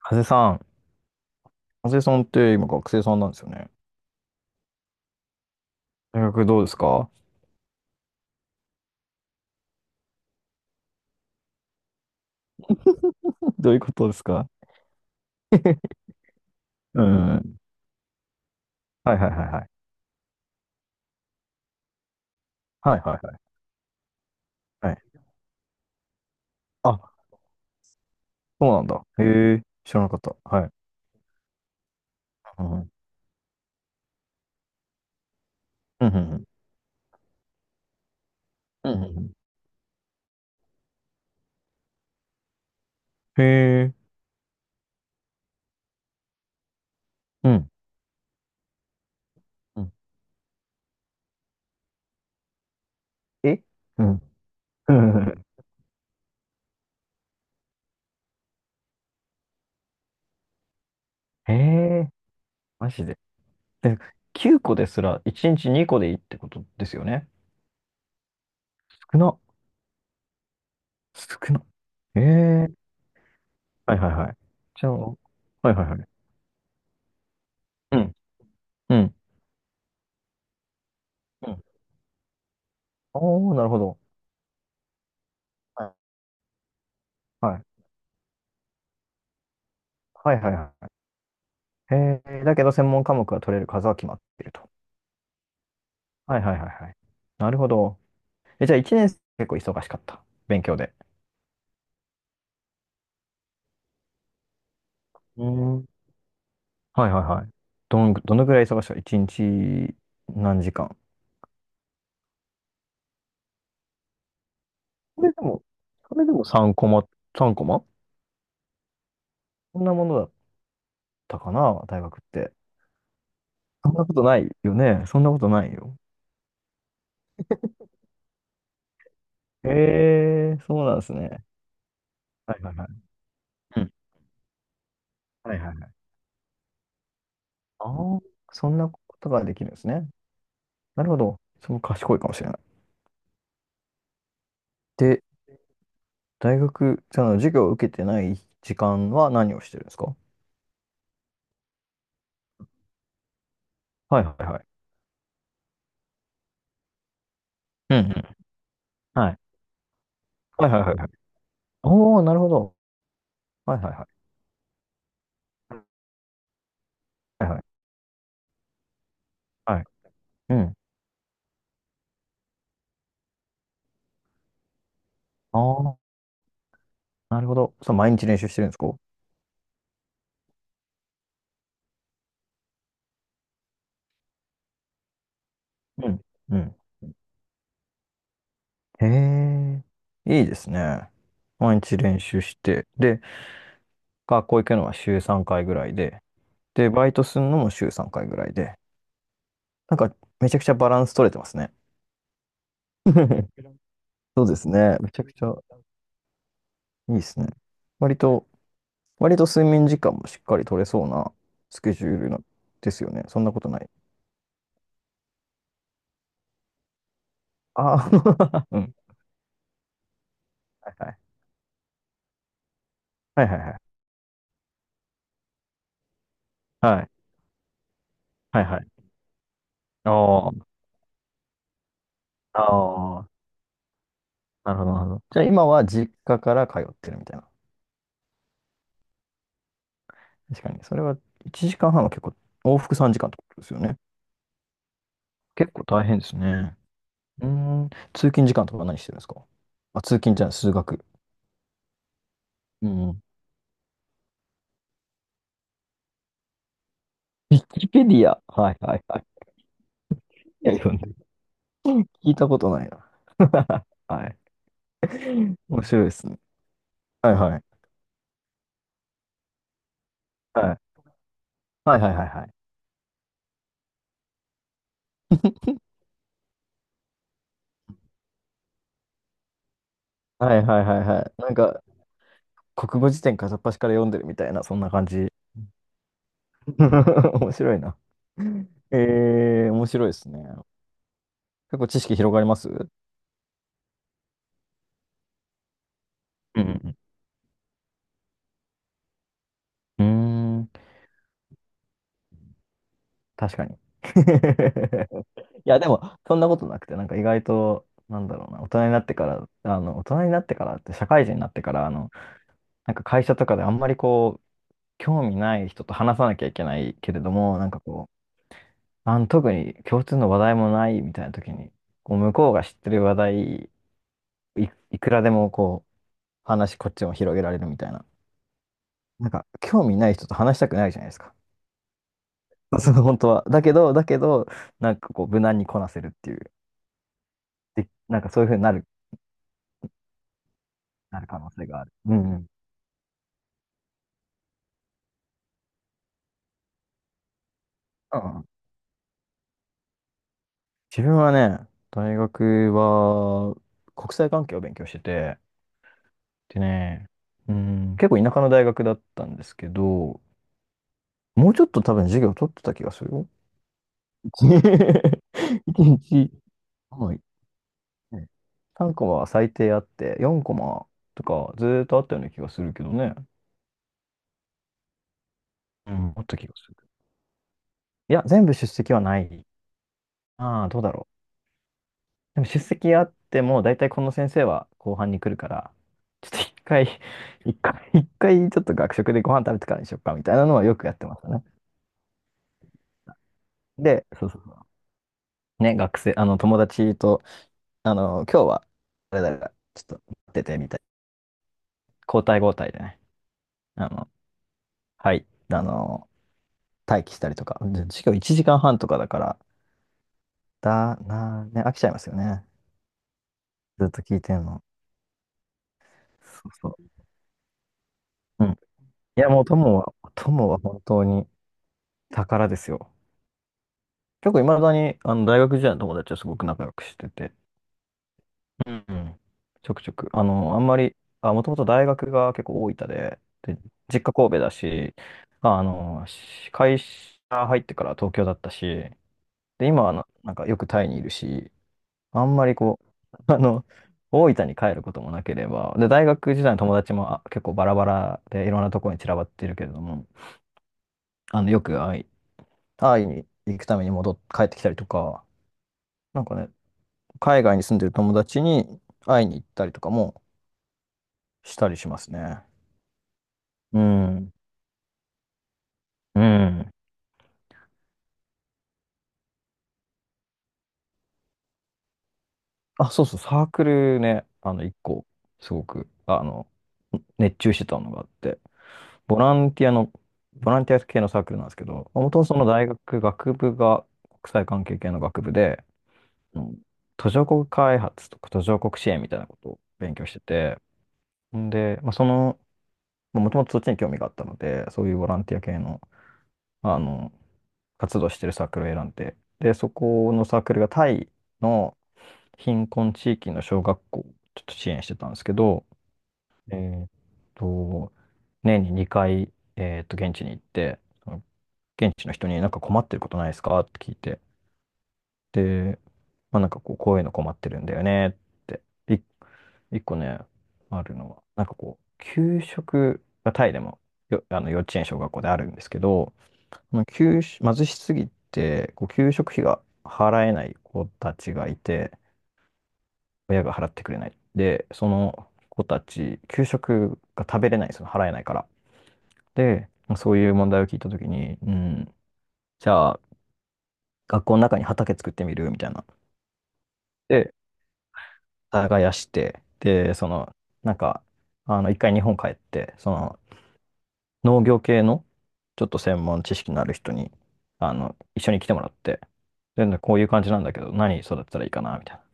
ハゼさん、ハゼさんって今学生さんなんですよね。大学どうですか？ どういうことですか？ うん。はいはいはいはい。はいはいはいはい。あ、そうなんだ。へえ、知らなかった。はい。うん。うん。うん。うんへえ。うん。うんえうん。うん へえ、マジで。で、9個ですら1日2個でいいってことですよね。少な。少な。へえ。はいはいはい。じゃあ、はいはいはい。うん。うん。うん。おー、なるほど。はいはいはいはい。えー、だけど専門科目が取れる数は決まっていると。はいはいはいはい。なるほど。え、じゃあ1年生結構忙しかった。勉強で。うん。はいはいはい。どの、どのぐらい忙しかった？ 1 日何時間？それでも、それでも3コマ、3コマそんなものだったかな、大学って。そんなことないよね。そんなことないよ。へえー、そうなんですね。はいはいはい。うんはいはいはい。ああ、そんなことができるんですね。なるほど。その賢いかもしれない。で、大学、その授業を受けてない時間は何をしてるんですか？はいはいはい。うんうん。はい。はいはいはいはい。おー、なるほど。はいはいはい。はいはいはい。うん。ああ、なるほど。そう、毎日練習してるんですか？うん。うん。へえ、いいですね。毎日練習して、で、学校行くのは週3回ぐらいで、で、バイトするのも週3回ぐらいで、なんかめちゃくちゃバランス取れてますね。そうですね。めちゃくちゃいいですね。割と割と睡眠時間もしっかり取れそうなスケジュールのですよね。そんなことない？ああ、うん。はいはい。はいはいはい。はい。はいはい。ああ、ああ、なるほど、なるほど。じゃあ今は実家から通ってるみたいな。確かに。それは1時間半はんは結構、往復3時間ってことですよね。結構大変ですね。うーん。通勤時間とか何してるんですか？あ、通勤じゃない、数学。うん。ウィキペディア。はいはいはい。いや、読んでる聞いたことないな。はい。面白いですね。はいはい。はいはいはいはいはい。はいはいはいはい。なんか、国語辞典片っ端から読んでるみたいな、そんな感じ。面白いな。えー、面白いですね。結構知識広がりますうんうんうん。うーん、確かに。いや、でも、そんなことなくて、なんか意外と、なんだろうな、大人になってから、大人になってからって、社会人になってから、なんか会社とかであんまりこう、興味ない人と話さなきゃいけないけれども、なんかこう、特に共通の話題もないみたいな時に、こう向こうが知ってる話題、いくらでもこう、話こっちも広げられるみたいな。なんか、興味ない人と話したくないじゃないですか。その本当は。だけど、なんかこう、無難にこなせるっていう。で、なんかそういうふうになる、なる可能性がある。うんうん。うんうん。自分はね、大学は国際関係を勉強してて、でね、うん、結構田舎の大学だったんですけど、もうちょっと多分授業取ってた気がする。一日、はい。ね3コマは最低あって、4コマとかずーっとあったような気がするけどね。うん、あった気がする。いや、全部出席はない。ああ、どうだろう。でも出席あっても、だいたいこの先生は後半に来るから、ちょっと一回、一回ちょっと学食でご飯食べてからにしよっか、みたいなのはよくやってましたね。で、そうそうそう。ね、学生、友達と、今日は、誰々がちょっと、出てみたい。交代交代でね。あの、はい。あの、待機したりとか。でしかも1時間半とかだから、だな、ね、飽きちゃいますよね。ずっと聞いてんの。そうそう。うん。いや、もう友は、友は本当に宝ですよ。結構いまだに、あの、大学時代の友達はすごく仲良くしてて。うん。うんちょくちょく。あの、あんまり、あ、もともと大学が結構大分で、で、実家神戸だし、会社入ってから東京だったし、で、今はな、なんかよくタイにいるし、あんまりこう、大分に帰ることもなければ、で、大学時代の友達もあ結構バラバラでいろんなところに散らばってるけれども、あの、よく会い、会いに行くために帰ってきたりとか、なんかね、海外に住んでる友達に会いに行ったりとかもしたりしますね。うん。うん。あ、そうそう、サークルね、あの、一個、すごく、あの、熱中してたのがあって、ボランティアの、ボランティア系のサークルなんですけど、もともとその大学、学部が国際関係系の学部で、うん途上国開発とか途上国支援みたいなことを勉強してて、んで、まあ、その、もともとそっちに興味があったので、そういうボランティア系の、まあの、活動してるサークルを選んで、で、そこのサークルがタイの貧困地域の小学校をちょっと支援してたんですけど、えーっと、年に2回、現地に行って、その現地の人になんか困ってることないですかって聞いて。で、まあなんかこう、こういうの困ってるんだよねって。い一個ね、あるのは、なんかこう、給食がタイでもあの幼稚園、小学校であるんですけど、その給食、貧しすぎて、こう、給食費が払えない子たちがいて、親が払ってくれない。で、その子たち、給食が食べれないんですよ。払えないから。で、そういう問題を聞いたときに、うん、じゃあ、学校の中に畑作ってみるみたいなで、耕して、で、その、なんか、あの、一回日本帰って、その、農業系の、ちょっと専門知識のある人に、あの、一緒に来てもらって、で、こういう感じなんだけど、何育てたらいいかな、みたいな。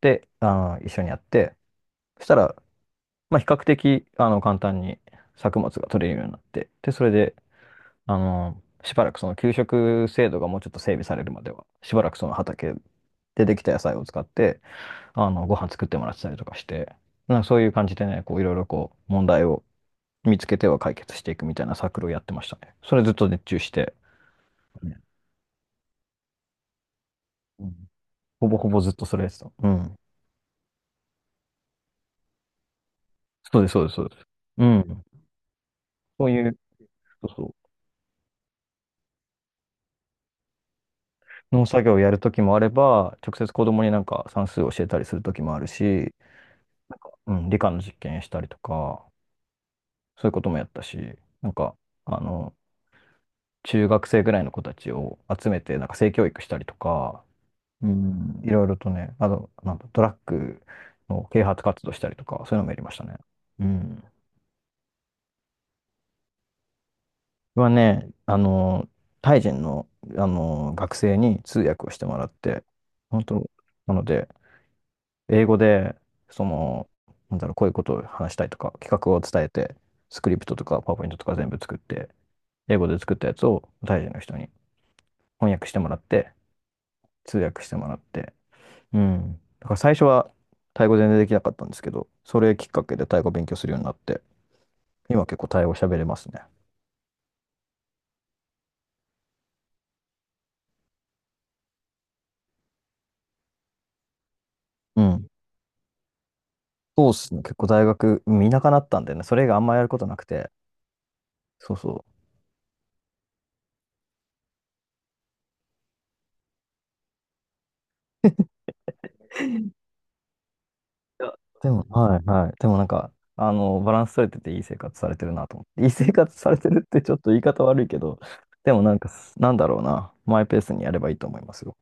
で、あの、一緒にやって、そしたら、まあ、比較的、あの、簡単に作物が取れるようになって、で、それで、あの、しばらくその給食制度がもうちょっと整備されるまでは、しばらくその畑でできた野菜を使って、あの、ご飯作ってもらってたりとかして、なんかそういう感じでね、こういろいろこう問題を見つけては解決していくみたいなサークルをやってましたね。それずっと熱中して、ねうんほぼほぼずっとそれやってた。うん。そうです、そうです、そうです。うん。そういう、そうそう。農作業をやるときもあれば、直接子供になんか算数を教えたりするときもあるし、なんか、うん、理科の実験したりとか、そういうこともやったし、なんか、あの、中学生ぐらいの子たちを集めて、なんか性教育したりとか、うん、いろいろとね、あと、なんだ、ドラッグの啓発活動したりとか、そういうのもやりましたね。うん。はね、あの、タイ人の、あの、学生に通訳をしてもらって、本当、なので、英語で、その、なんだろう、こういうことを話したいとか、企画を伝えて、スクリプトとか、パワーポイントとか全部作って、英語で作ったやつをタイ人の人に翻訳してもらって、通訳してもらって、うん。だから最初はタイ語全然できなかったんですけど、それきっかけでタイ語勉強するようになって、今結構タイ語喋れますね。うん。そうっすね。結構大学、うん田舎だったんでね、それ以外あんまやることなくて、そうそう。いやでも、はいはい。でもなんか、あの、バランス取れてていい生活されてるなと思って。いい生活されてるってちょっと言い方悪いけど、でもなんか、なんだろうな。マイペースにやればいいと思いますよ。